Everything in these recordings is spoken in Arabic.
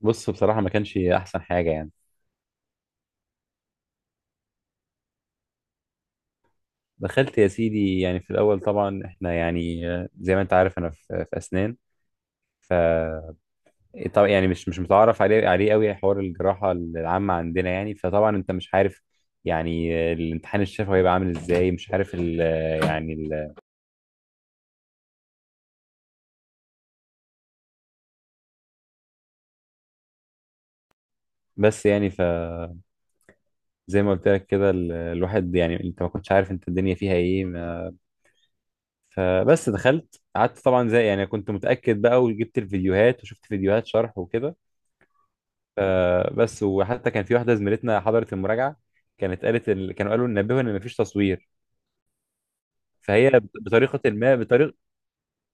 بص، بصراحة ما كانش أحسن حاجة يعني. دخلت يا سيدي، يعني في الأول طبعا إحنا يعني زي ما أنت عارف أنا في أسنان. ف طبعا يعني مش متعرف عليه قوي حوار الجراحة العامة عندنا، يعني فطبعا أنت مش عارف يعني الامتحان الشفوي هيبقى عامل إزاي، مش عارف ال آه، يعني بس يعني. فزي ما قلت لك كده، الواحد يعني أنت ما كنتش عارف أنت الدنيا فيها إيه. ما فبس دخلت قعدت طبعا، زي يعني كنت متأكد بقى، وجبت الفيديوهات وشفت فيديوهات شرح وكده. فبس، وحتى كان في واحده زميلتنا حضرت المراجعه، كانت قالت كانوا قالوا نبهوا ان مفيش تصوير. فهي بطريقه ما، بطريقه،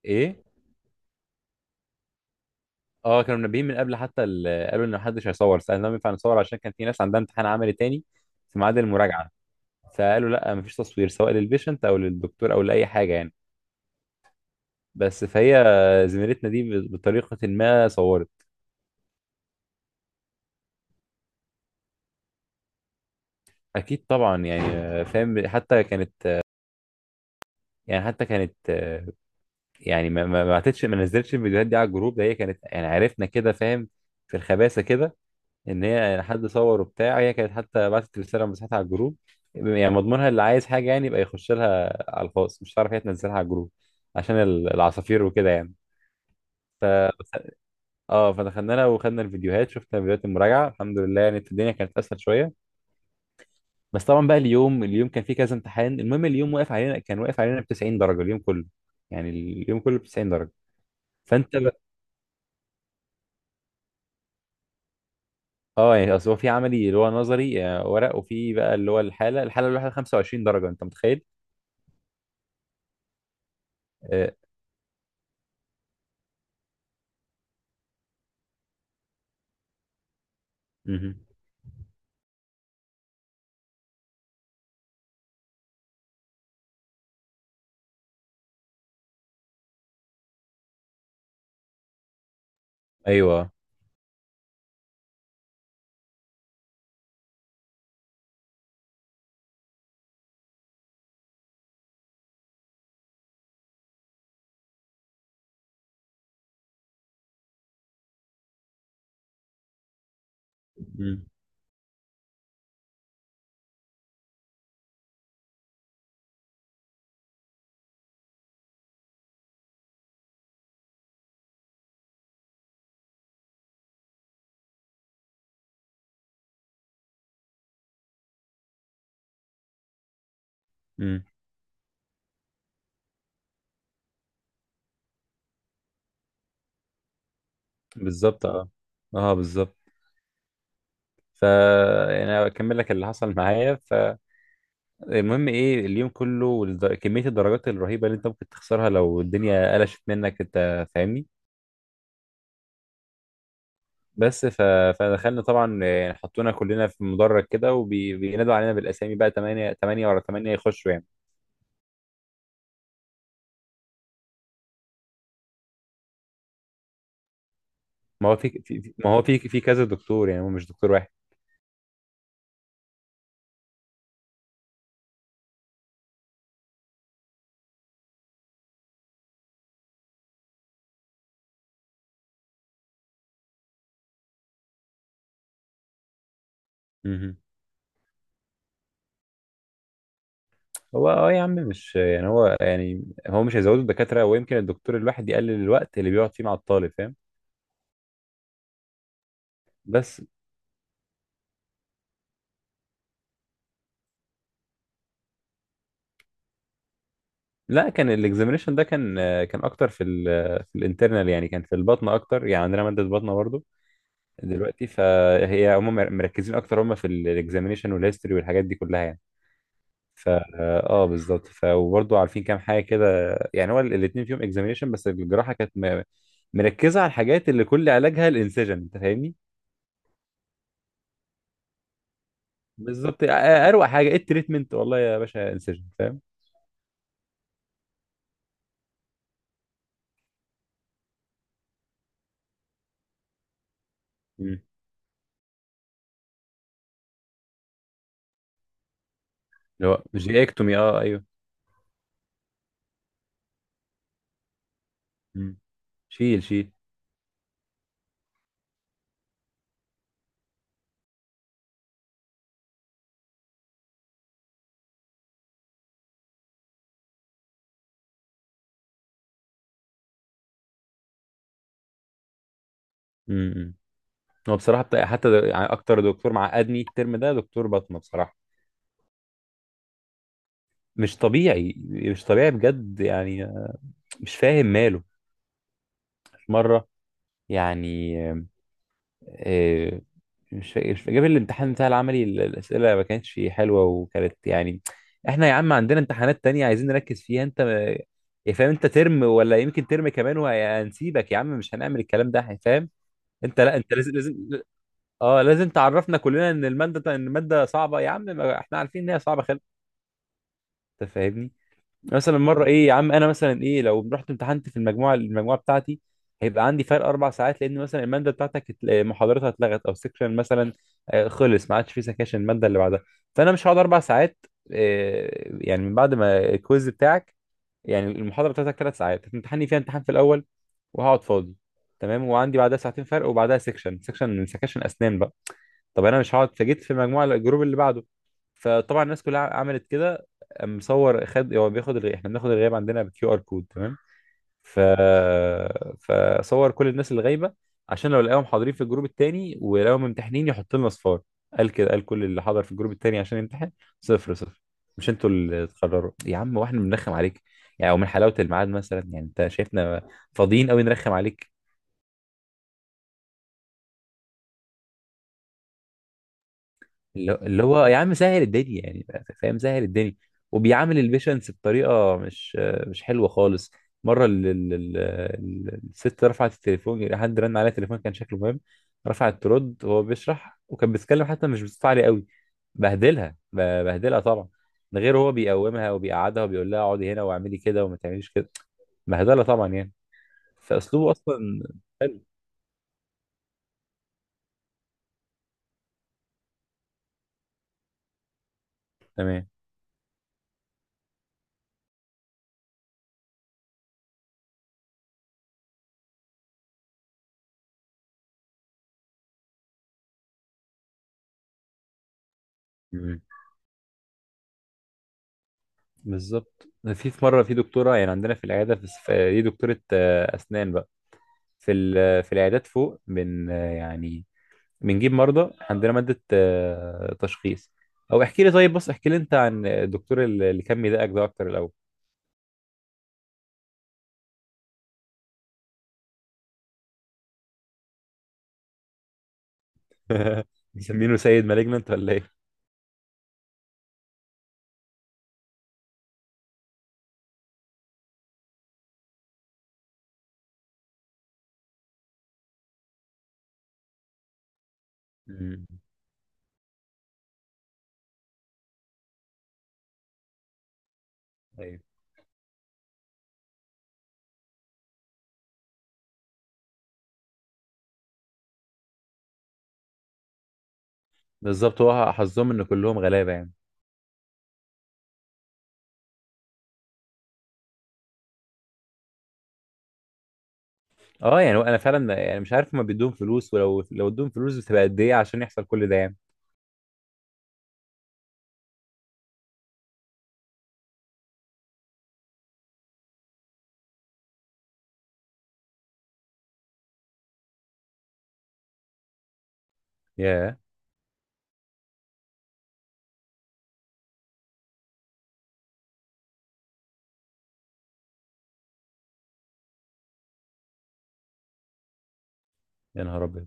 ايه. اه، كانوا منبهين من قبل، حتى قالوا ان محدش هيصور. سالناهم ينفع نصور، عشان كان في ناس عندها امتحان عملي تاني في ميعاد المراجعه، فقالوا لا، مفيش تصوير سواء للبيشنت او للدكتور او لاي حاجه يعني. بس فهي زميلتنا دي بطريقه ما صورت. اكيد طبعا يعني، فاهم. حتى كانت يعني، حتى كانت يعني ما بعتتش، ما نزلتش الفيديوهات دي على الجروب ده. هي كانت يعني عرفنا كده، فاهم، في الخباثه كده، ان هي يعني حد صور وبتاع. هي كانت حتى بعتت رساله مسحتها على الجروب، يعني مضمونها اللي عايز حاجه يعني يبقى يخش لها على الخاص، مش هتعرف هي تنزلها على الجروب عشان العصافير وكده يعني. ف اه، فدخلنا لها وخدنا الفيديوهات، شفنا فيديوهات المراجعه، الحمد لله يعني الدنيا كانت اسهل شويه. بس طبعا بقى، اليوم كان فيه كذا امتحان. المهم، اليوم واقف علينا، كان واقف علينا ب 90 درجه اليوم كله، يعني اليوم كله ب 90 درجه. فانت، اه يعني اصل هو في عملي اللي هو نظري، ورق، وفي بقى اللي هو الحاله الواحده 25 درجه، انت متخيل. آه. مهم. ايوه. مم. مم. بالظبط، اه. اه بالظبط. ف يعني أنا اكمل لك اللي حصل معايا. فالمهم ايه، اليوم كله، كميه الدرجات الرهيبه اللي انت ممكن تخسرها لو الدنيا قلشت منك، انت فاهمني. بس ف... فدخلنا طبعا، يعني حطونا كلنا في مدرج كده وبينادوا علينا بالاسامي، بقى 8 8 ورا 8 يخشوا يعني. ما هو في في- في- ما هو في كذا دكتور، يعني هو مش دكتور واحد. مهم. هو اه يا عم، مش يعني، هو يعني هو مش هيزودوا الدكاترة، ويمكن الدكتور الواحد يقلل الوقت اللي بيقعد فيه مع الطالب، فاهم. بس، لا كان الاكزامينشن ده كان، كان اكتر في في الانترنال، يعني كان في البطن اكتر، يعني عندنا مادة بطنة برضو دلوقتي. فهي هم مركزين اكتر، هم في الاكزامينشن والهيستوري والحاجات دي كلها يعني. فا اه بالظبط. وبرضه عارفين كام حاجه كده. يعني هو الاثنين فيهم اكزامينشن، بس الجراحه كانت مركزه على الحاجات اللي كل علاجها الانسجن، انت فاهمني. بالظبط، اروق حاجه ايه التريتمنت، والله يا باشا، انسجن، فاهم. مم. اللي هو جيكتومي، اه ايوه. مم. شيل شيل. مم. هو بصراحه حتى يعني اكتر دكتور معقدني الترم ده دكتور بطنه، بصراحه مش طبيعي، مش طبيعي بجد يعني، مش فاهم ماله مره يعني. مش فاكر، مش فاكر. جاب الامتحان بتاع العملي، الأسئلة ما كانتش حلوة، وكانت يعني، احنا يا عم عندنا امتحانات تانية عايزين نركز فيها. انت يا فاهم، انت ترم، ولا يمكن ترم كمان وهنسيبك يا عم، مش هنعمل الكلام ده، فاهم. انت لا، انت لازم، اه لازم تعرفنا كلنا ان المادة، ان المادة صعبة يا عم. ما احنا عارفين ان هي صعبة خالص، انت فاهمني. مثلا مره ايه يا عم، انا مثلا ايه لو رحت امتحنت في المجموعه بتاعتي، هيبقى عندي فرق 4 ساعات. لان مثلا الماده بتاعتك محاضرتها اتلغت، او سكشن مثلا خلص، ما عادش في سكاشن الماده اللي بعدها. فانا مش هقعد 4 ساعات، يعني من بعد ما الكويز بتاعك، يعني المحاضره بتاعتك 3 ساعات هتمتحني فيها امتحان في الاول، وهقعد فاضي، تمام. وعندي بعدها ساعتين فرق، وبعدها سكشن سكشن سكشن اسنان بقى. طب انا مش هقعد، فجيت في مجموعه الجروب اللي بعده، فطبعا الناس كلها عملت كده. قام مصور، خد، هو بياخد احنا بناخد الغياب عندنا بكيو ار كود، تمام. ف فصور كل الناس اللي غايبه، عشان لو لقاهم حاضرين في الجروب التاني ولقاهم ممتحنين يحط لنا صفار. قال كده، قال كل اللي حضر في الجروب التاني عشان يمتحن صفر صفر. مش انتوا اللي تقرروا يا عم، واحنا بنرخم عليك يعني، ومن حلاوه الميعاد مثلا يعني، انت شايفنا فاضيين قوي نرخم عليك؟ اللي هو يا عم سهل الدنيا يعني، فاهم، سهل الدنيا. وبيعامل البيشنس بطريقه مش حلوه خالص. مره الست رفعت التليفون، حد رن عليها التليفون كان شكله مهم، رفعت ترد وهو بيشرح، وكان بيتكلم حتى مش بصوت عالي قوي، بهدلها، بهدلها طبعا. ده غير هو بيقومها وبيقعدها، وبيقول لها اقعدي هنا واعملي كده وما تعمليش كده، بهدلها طبعا يعني. فاسلوبه اصلا حلو، تمام، بالظبط. في في مره، في دكتوره يعني عندنا في العياده، دي دكتوره اسنان بقى، في في العيادات فوق، بن يعني بنجيب مرضى عندنا، ماده تشخيص. او احكي لي، طيب بص احكي لي انت عن الدكتور اللي كان بيضايقك ده اكتر الاول. مسمينه سيد مالجننت ولا ايه؟ مم. ايوه بالظبط، هو حظهم ان كلهم غلابه يعني. اه، يعني انا فعلا يعني مش عارف، ما بيدوهم فلوس؟ ولو لو ادوهم فلوس بتبقى قد ايه عشان يحصل كل ده يعني؟ ياه. يا نهار ابيض.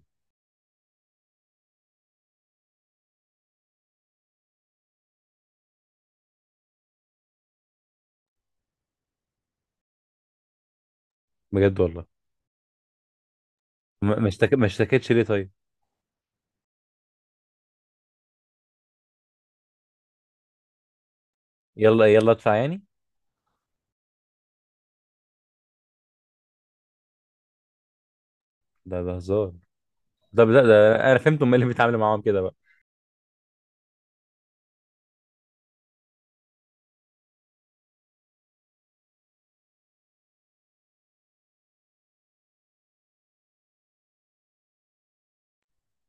بجد والله؟ ما اشتكتش ليه طيب؟ يلا يلا ادفع يعني. ده ده هزار. ده انا فهمت هم إيه اللي بيتعاملوا معاهم كده بقى.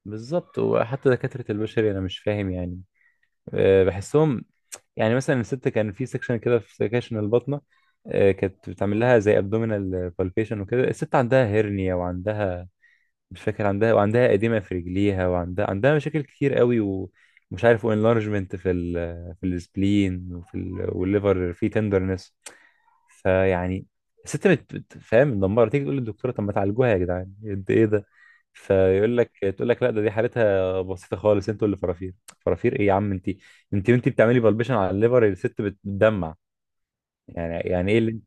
بالظبط. وحتى دكاترة البشري انا مش فاهم يعني، أه بحسهم. يعني مثلا الست، كان في سكشن كده في سكشن البطنة، أه كانت بتعمل لها زي ابدومينال بالبيشن وكده. الست عندها هرنيا، وعندها مش فاكر عندها، وعندها إديمة في رجليها، عندها مشاكل كتير قوي، ومش عارف، وانلارجمنت في في السبلين، وفي والليفر في تندرنس. فيعني الست فاهم، مدمرة. تيجي تقول للدكتورة، طب ما تعالجوها يا جدعان، قد ايه ده؟ فيقول لك، تقول لك لا ده، دي حالتها بسيطة خالص، انتوا اللي فرافير. فرافير ايه يا عم انت؟ انت وانت بتعملي بلبشن على الليفر الست بتدمع، يعني يعني ايه اللي؟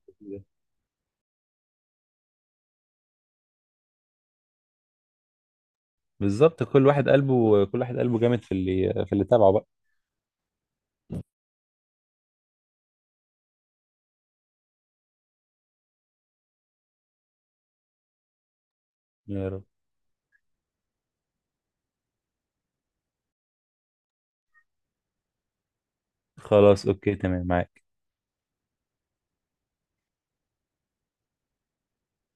بالظبط، كل واحد قلبه جامد في اللي، في اللي تابعه بقى. يا رب. خلاص، اوكي تمام معاك.